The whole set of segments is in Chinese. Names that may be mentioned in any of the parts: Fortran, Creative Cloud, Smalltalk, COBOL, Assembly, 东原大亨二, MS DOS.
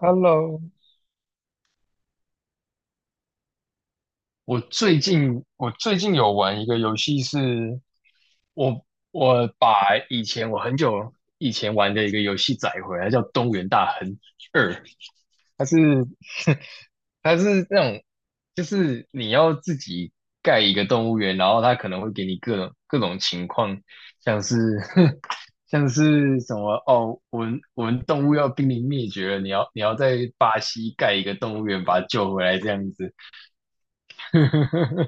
Hello，我最近有玩一个游戏是，我我把以前我很久以前玩的一个游戏载回来，叫《东原大亨二》，它是 它是那种就是你要自己盖一个动物园，然后它可能会给你各种情况，像是 像是什么哦，我们动物要濒临灭绝了，你要在巴西盖一个动物园把它救回来这样子。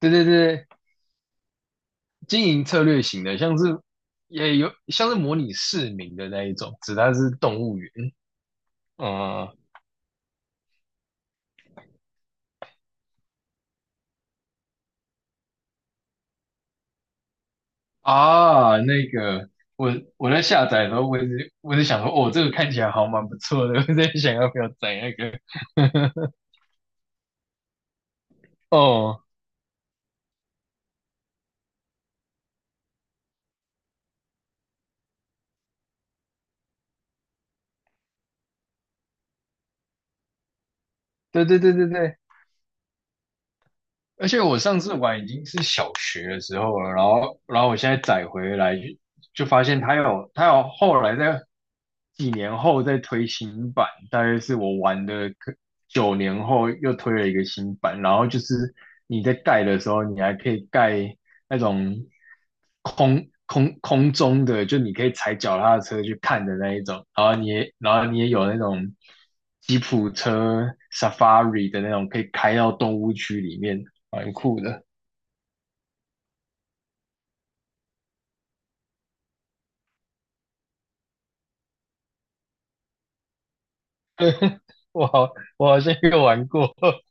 对对对，经营策略型的，像是也有像是模拟市民的那一种，只它是动物园。嗯啊，那个我在下载的时候，我是想说，哦，这个看起来好蛮不错的，我在想要不要载那个。哦，对对对对对，而且我上次玩已经是小学的时候了，然后我现在载回来就发现它有后来在几年后再推新版，大约是我玩的可9年后又推了一个新版，然后就是你在盖的时候，你还可以盖那种空中的，就你可以踩脚踏车去看的那一种，然后你也有那种吉普车 Safari 的那种，可以开到动物区里面，蛮酷的。我好，我好像有玩过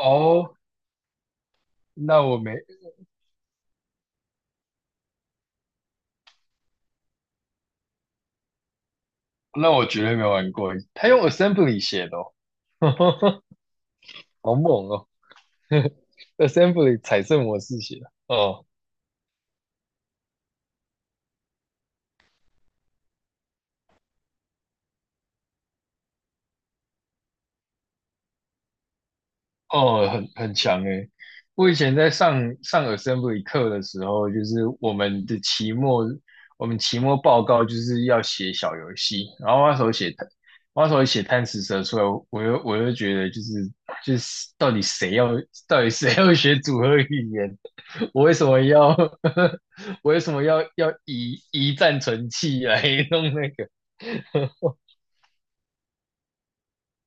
哦，那我没，那我绝对没玩过。他用 Assembly 写的哦，好猛哦 ，Assembly 彩色模式写的哦。哦，很强诶。我以前在上 Assembl 课的时候，就是我们的期末，我们期末报告就是要写小游戏，然后那时候写贪，我那时候写贪吃蛇出来，我又觉得就是到底谁要学组合语言，我为什么要 我为什么要以一战存器来弄那个？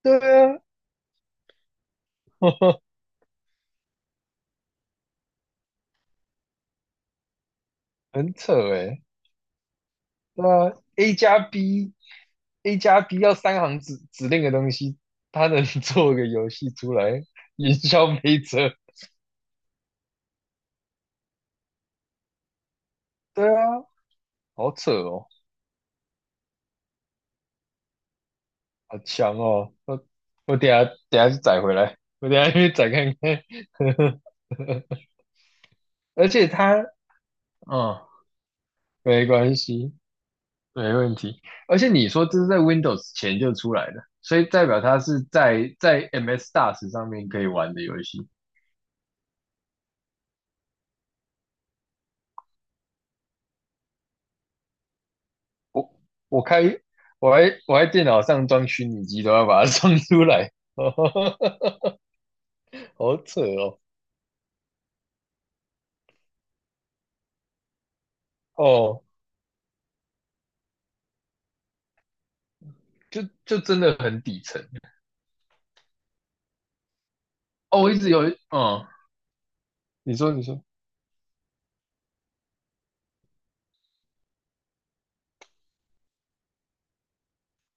对啊，很扯诶。对啊，A 加 B 要3行指令的东西，他能 做个游戏出来营销没车？对啊，好扯哦，好强哦！我等一下去载回来，我等一下去载看看。而且他，嗯，没关系，没问题。而且你说这是在 Windows 前就出来的，所以代表它是在 MS DOS 上面可以玩的游戏。我我开我还我来电脑上装虚拟机都要把它装出来。好扯哦，哦，就真的很底层哦。我一直有，嗯，你说你说，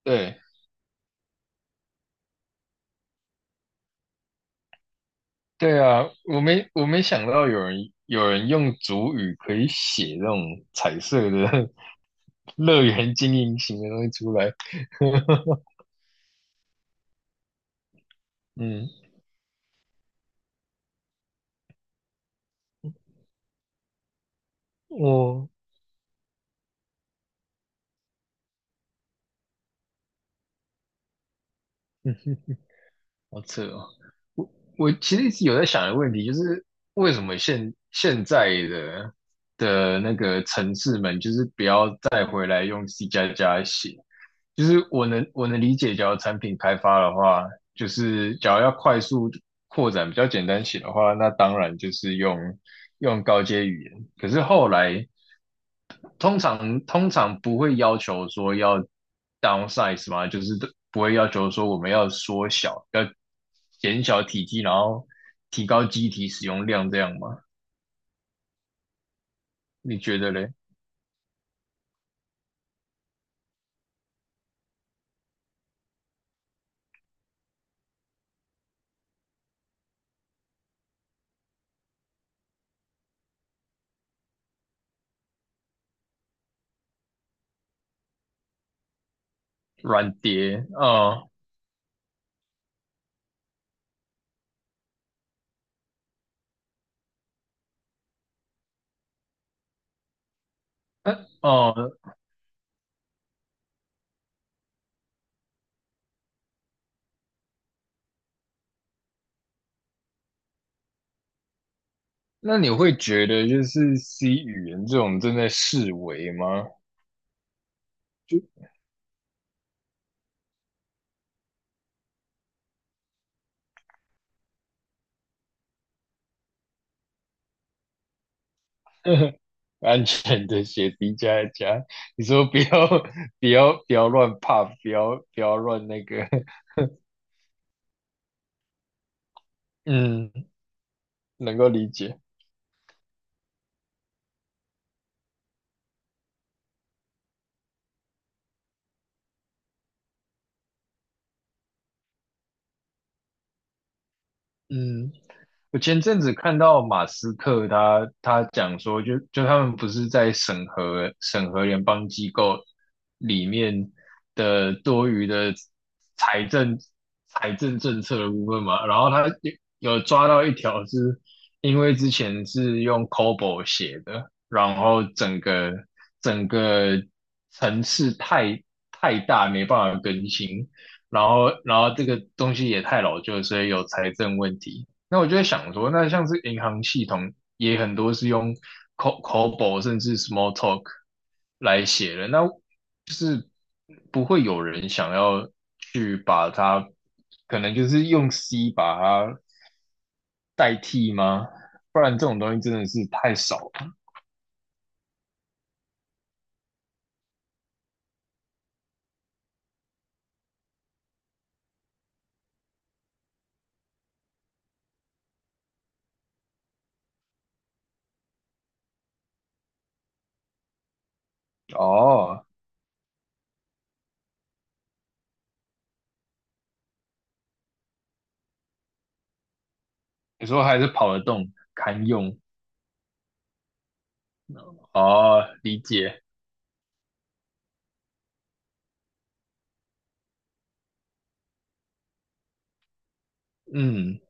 对对啊，我没想到有人用主语可以写这种彩色的 乐园经营型的东西出来。嗯，我好扯哦！我我其实一直有在想一个问题，就是为什么现在的那个城市们，就是不要再回来用 C 加加写。就是我能理解，假如产品开发的话，就是假如要快速扩展、比较简单写的话，那当然就是用高阶语言。可是后来通常不会要求说要 downsize 嘛，就是不会要求说我们要缩小，要减小体积，然后提高机体使用量这样吗？你觉得嘞？软碟，哦哦，那你会觉得就是 C 语言这种正在式微吗？就 安全的写 D 加一加，你说不要 不要乱 p 不要乱那个，嗯，能够理解，嗯。我前阵子看到马斯克他讲说就他们不是在审核联邦机构里面的多余的财政财政政策的部分嘛，然后他有抓到一条是，因为之前是用 COBOL 写的，然后整个层次太大，没办法更新，然后这个东西也太老旧，所以有财政问题。那我就在想说，那像是银行系统也很多是用 COBOL 甚至 small talk 来写的，那就是不会有人想要去把它，可能就是用 C 把它代替吗？不然这种东西真的是太少了。哦，你候还是跑得动，堪用。哦，理解。嗯，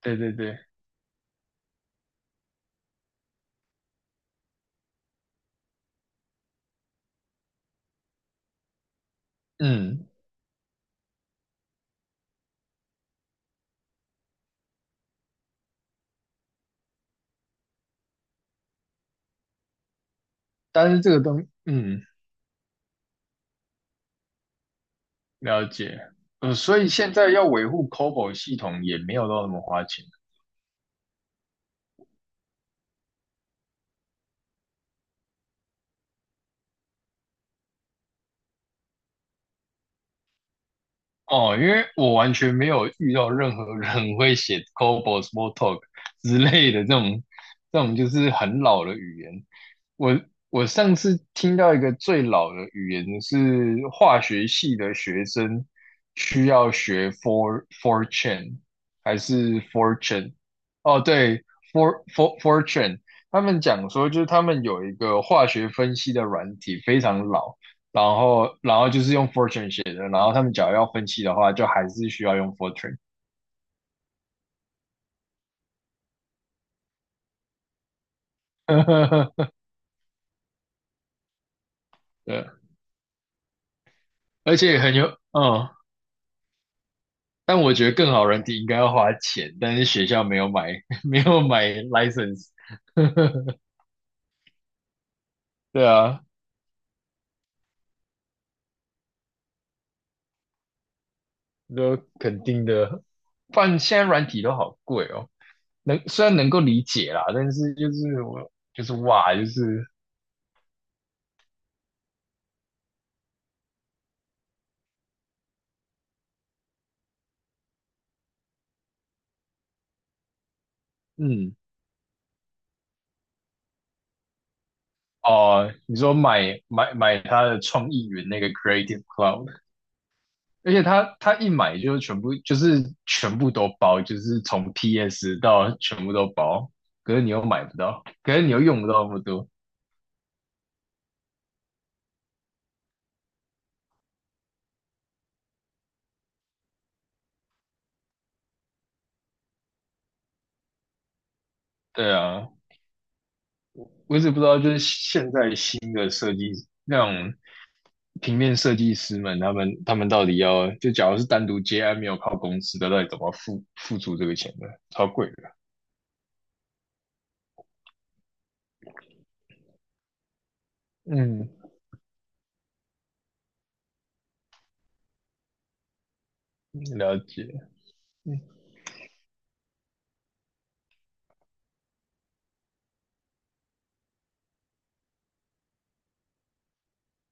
对对对，嗯，但是这个东，嗯。了解，所以现在要维护 COBOL 系统也没有到那么花钱，哦，因为我完全没有遇到任何人 会写 COBOL、Smalltalk 之类的这种就是很老的语言。我我上次听到一个最老的语言是化学系的学生需要学 for fortune 还是 fortune?哦，对，for fortune,他们讲说就是他们有一个化学分析的软体非常老。然后就是用 Fortran 写的，然后他们假如要分析的话，就还是需要用 Fortran。对，而且很有，嗯，但我觉得更好软体应该要花钱，但是学校没有买，没有买 license。对啊，都肯定的，不然现在软体都好贵哦。虽然能够理解啦，但是就是我就是哇，就是嗯哦，你说买他的创意云那个 Creative Cloud,而且他一买就全部就是全部都包，就是从 PS 到全部都包。可是你又买不到，可是你又用不到那么多。对啊，我只不知道就是现在新的设计那种平面设计师们，他们到底要就假如是单独接案没有靠公司的，到底怎么付出这个钱呢？超贵的。嗯，了解。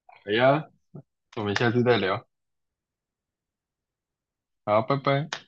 好呀，我们下次再聊。好，拜拜。